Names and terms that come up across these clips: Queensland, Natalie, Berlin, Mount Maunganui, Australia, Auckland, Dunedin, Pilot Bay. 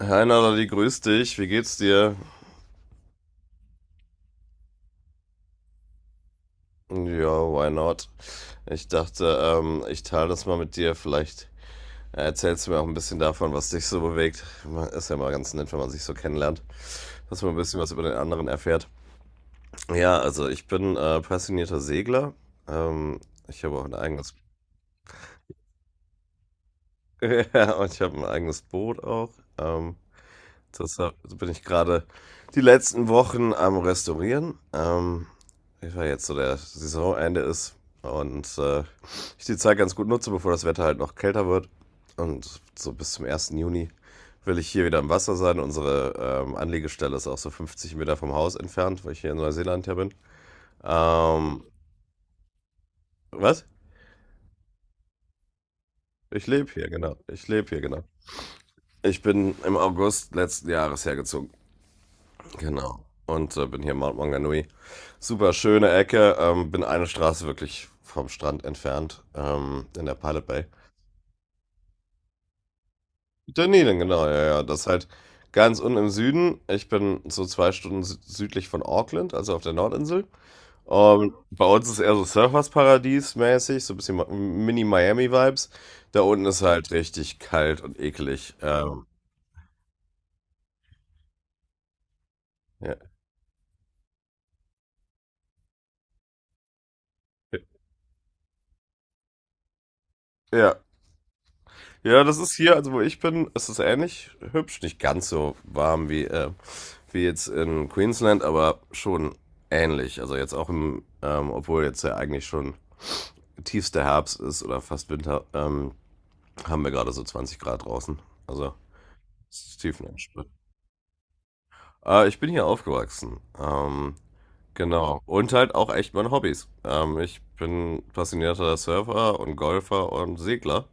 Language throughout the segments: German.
Hi Natalie, grüß dich. Wie geht's dir? Ja, why not? Ich dachte, ich teile das mal mit dir. Vielleicht erzählst du mir auch ein bisschen davon, was dich so bewegt. Ist ja mal ganz nett, wenn man sich so kennenlernt, dass man ein bisschen was über den anderen erfährt. Ja, also ich bin passionierter Segler. Ähm, ich habe auch ein eigenes, ja, und ich habe ein eigenes Boot auch. Ähm, Das so bin ich gerade die letzten Wochen am Restaurieren. Ich war jetzt so der Saisonende ist und ich die Zeit ganz gut nutze, bevor das Wetter halt noch kälter wird. Und so bis zum 1. Juni will ich hier wieder im Wasser sein. Unsere Anlegestelle ist auch so 50 Meter vom Haus entfernt, weil ich hier in Neuseeland ja bin. Ähm, was? Ich lebe hier, genau. Ich lebe hier, genau. Ich bin im August letzten Jahres hergezogen. Genau. Und bin hier in Mount Maunganui. Super schöne Ecke. Bin eine Straße wirklich vom Strand entfernt in der Pilot Bay. Dunedin, genau, ja, ja. Das ist halt ganz unten im Süden. Ich bin so zwei Stunden südlich von Auckland, also auf der Nordinsel. Und bei uns ist eher so Surfersparadies mäßig, so ein bisschen Mini-Miami-Vibes. Da unten ist halt richtig kalt und eklig. Ja. Ja, Ja, das ist hier, also wo ich bin, ist es ähnlich hübsch. Nicht ganz so warm wie, wie jetzt in Queensland, aber schon ähnlich. Also jetzt auch im, obwohl jetzt ja eigentlich schon tiefster Herbst ist oder fast Winter, haben wir gerade so 20 Grad draußen. Also es ist tiefenentspannt. Ich bin hier aufgewachsen. Genau. Und halt auch echt meine Hobbys. Ich bin passionierter Surfer und Golfer und Segler.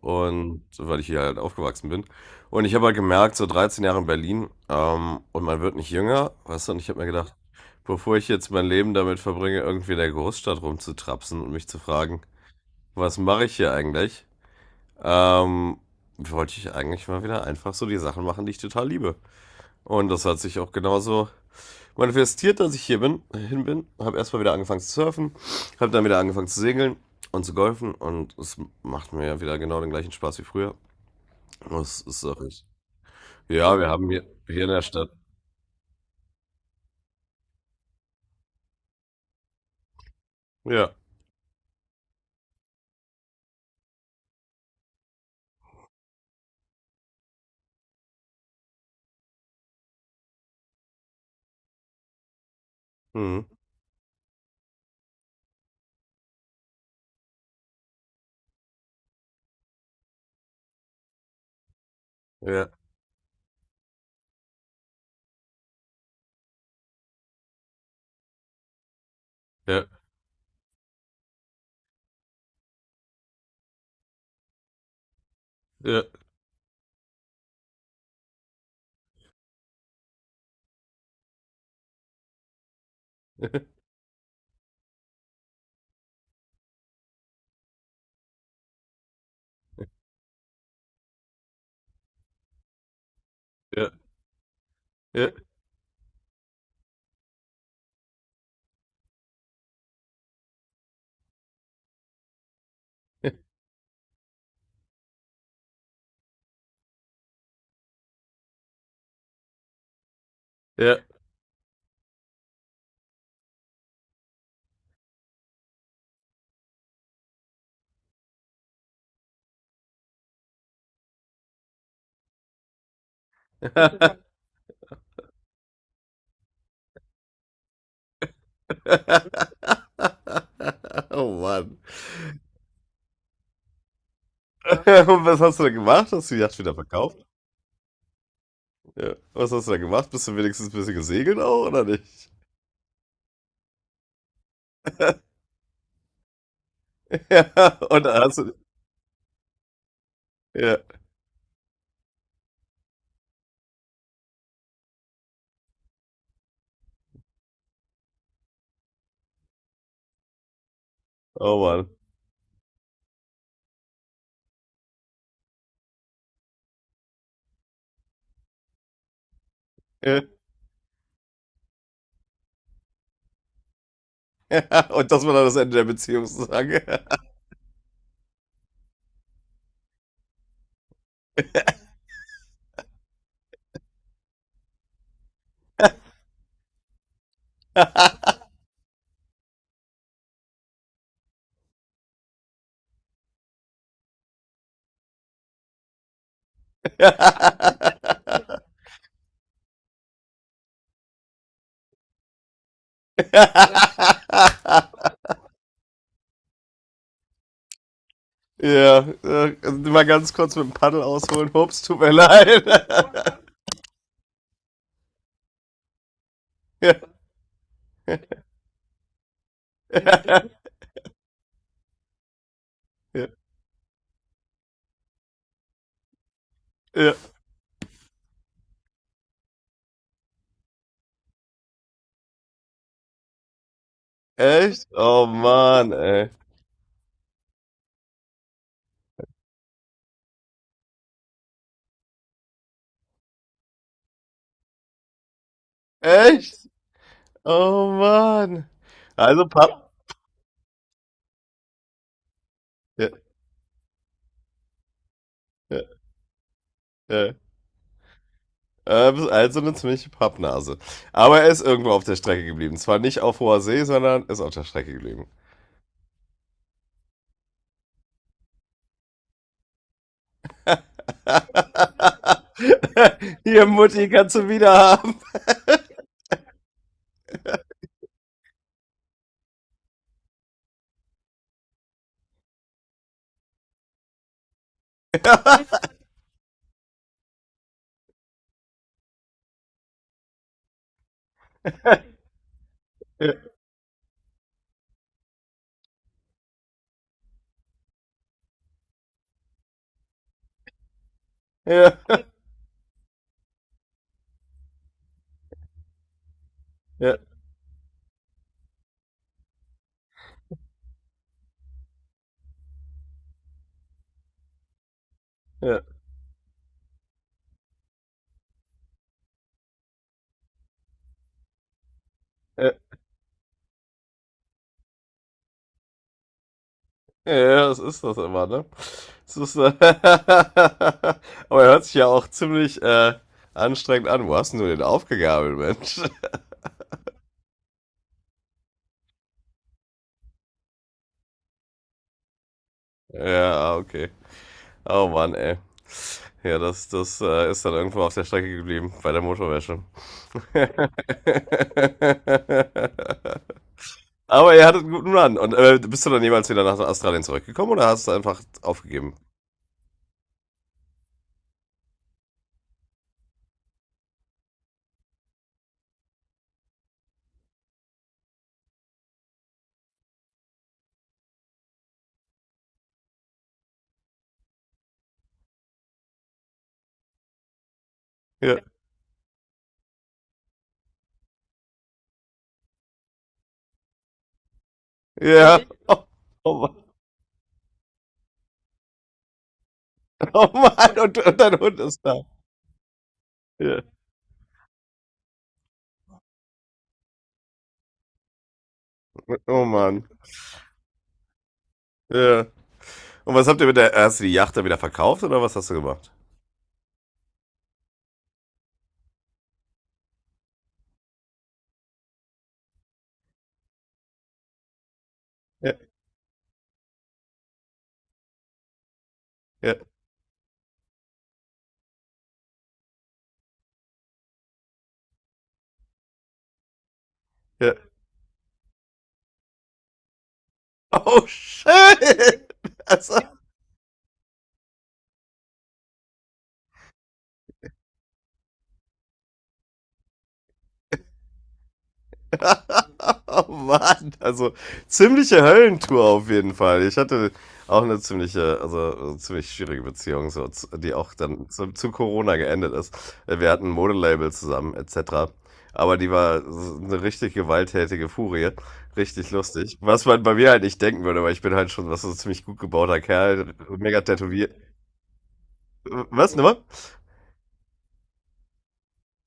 Und so, weil ich hier halt aufgewachsen bin. Und ich habe halt gemerkt, so 13 Jahre in Berlin, und man wird nicht jünger, weißt du, und ich habe mir gedacht, bevor ich jetzt mein Leben damit verbringe, irgendwie in der Großstadt rumzutrapsen und mich zu fragen, was mache ich hier eigentlich, ähm, wollte ich eigentlich mal wieder einfach so die Sachen machen, die ich total liebe. Und das hat sich auch genauso manifestiert, dass ich hier bin, hin bin. Habe erstmal wieder angefangen zu surfen, habe dann wieder angefangen zu segeln und zu golfen und es macht mir ja wieder genau den gleichen Spaß wie früher. Das ist doch nicht. Ja, wir haben hier, hier in der Stadt. Ja. Mhm. Ja, ja, ja, ja, ja, ja. Oh Mann. Und was hast du da gemacht? Hast du die Yacht wieder verkauft? Ja. Was hast du da gemacht? Bist du wenigstens ein bisschen gesegelt auch, oder nicht? Ja. Und dann hast du. Ja. Oh Mann. Ja. Und das war dann das Ende der Beziehung sozusagen. Ja. Ja, also mal ganz kurz mit dem Paddel ausholen. Ups, tut mir leid. ja, ja, ja, ja. Echt? Oh Mann, ey. Echt? Oh Mann. Also Papp. Ja, ja, ja. Bist Also eine ziemliche Pappnase. Aber er ist irgendwo auf der Strecke geblieben. Zwar nicht auf hoher See, sondern ist auf der Strecke geblieben. Hier, Mutti, kannst du wieder haben. Ja, ja, ja, ja, ja. Ja, ja, das ist das immer, ne? Das ist, aber er hört sich ja auch ziemlich anstrengend an. Wo hast denn du den aufgegabelt, Mensch? Ja, okay. Oh Mann, ey. Ja, das, das ist dann irgendwo auf der Strecke geblieben, bei der Motorwäsche. Aber ihr hattet einen guten Run. Und bist du dann jemals wieder nach Australien zurückgekommen oder hast du einfach aufgegeben? Ja. Ja. Oh, oh Mann. Oh Mann. Und dein Hund ist da. Ja. Oh Mann. Ja. Und was habt ihr mit der. Hast du die Yacht da wieder verkauft oder was hast du gemacht? Ja, ja, ja. Oh shit! Also, oh Mann, also ziemliche Höllentour auf jeden Fall. Ich hatte auch eine ziemliche, also eine ziemlich schwierige Beziehung, so, die auch dann zu Corona geendet ist. Wir hatten ein Modelabel zusammen, etc. Aber die war so eine richtig gewalttätige Furie. Richtig lustig. Was man bei mir halt nicht denken würde, weil ich bin halt schon was so ein ziemlich gut gebauter Kerl, mega tätowiert. Was, nochmal?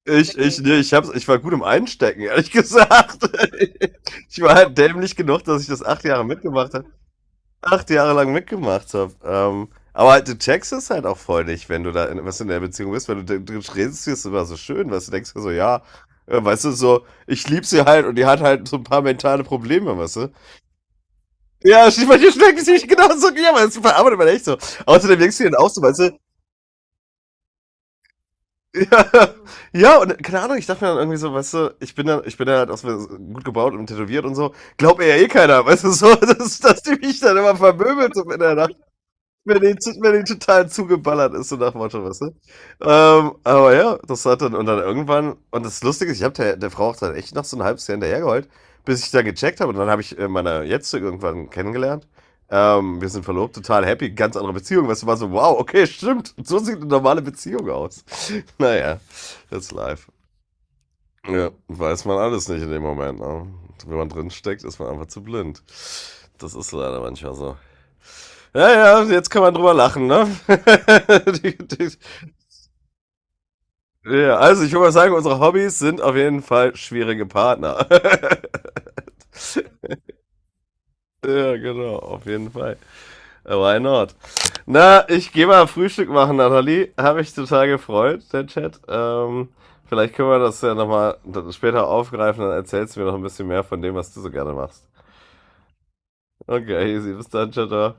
Nee, hab's, ich war gut im Einstecken, ehrlich gesagt. Ich war halt dämlich genug, dass ich das 8 Jahre mitgemacht habe. Acht Jahre lang mitgemacht habe. Aber halt, du checkst es halt auch voll nicht, wenn du da in, was in der Beziehung bist, wenn du redest, ist immer so schön, was du denkst dir so, ja, weißt du, so, ich lieb sie halt und die hat halt so ein paar mentale Probleme, weißt du? Ja, manche schmecken sich genauso, ja, aber das verarbeitet man echt so. Außerdem denkst du dir dann auch so, weißt du, ja, ja, und keine Ahnung, ich dachte mir dann irgendwie so, weißt du, ich bin dann halt auch so gut gebaut und tätowiert und so. Glaubt mir ja eh keiner, weißt du, so, dass die mich dann immer vermöbelt so miteinander wenn wenn die total zugeballert ist, so nach Motto, weißt du? Aber ja, das hat dann, und dann irgendwann, und das Lustige ist, ich habe der Frau auch dann echt noch so ein halbes Jahr hinterhergeheult, bis ich dann gecheckt habe, und dann habe ich meine Jetzige irgendwann kennengelernt. Wir sind verlobt, total happy, ganz andere Beziehung, weißt du, war so, wow, okay, stimmt, so sieht eine normale Beziehung aus. Naja, that's life. Ja, weiß man alles nicht in dem Moment, ne? Wenn man drin steckt, ist man einfach zu blind. Das ist leider manchmal so. Ja, ja, jetzt kann man drüber lachen, ne? die, die, ja, also ich würde mal sagen, unsere Hobbys sind auf jeden Fall schwierige Partner. ja, genau, auf jeden Fall. Why not? Na, ich gehe mal Frühstück machen, Nathalie. Habe ich total gefreut, der Chat. Vielleicht können wir das ja nochmal später aufgreifen, dann erzählst du mir noch ein bisschen mehr von dem, was du so gerne machst. Okay, easy. Bis dann, ciao, ciao.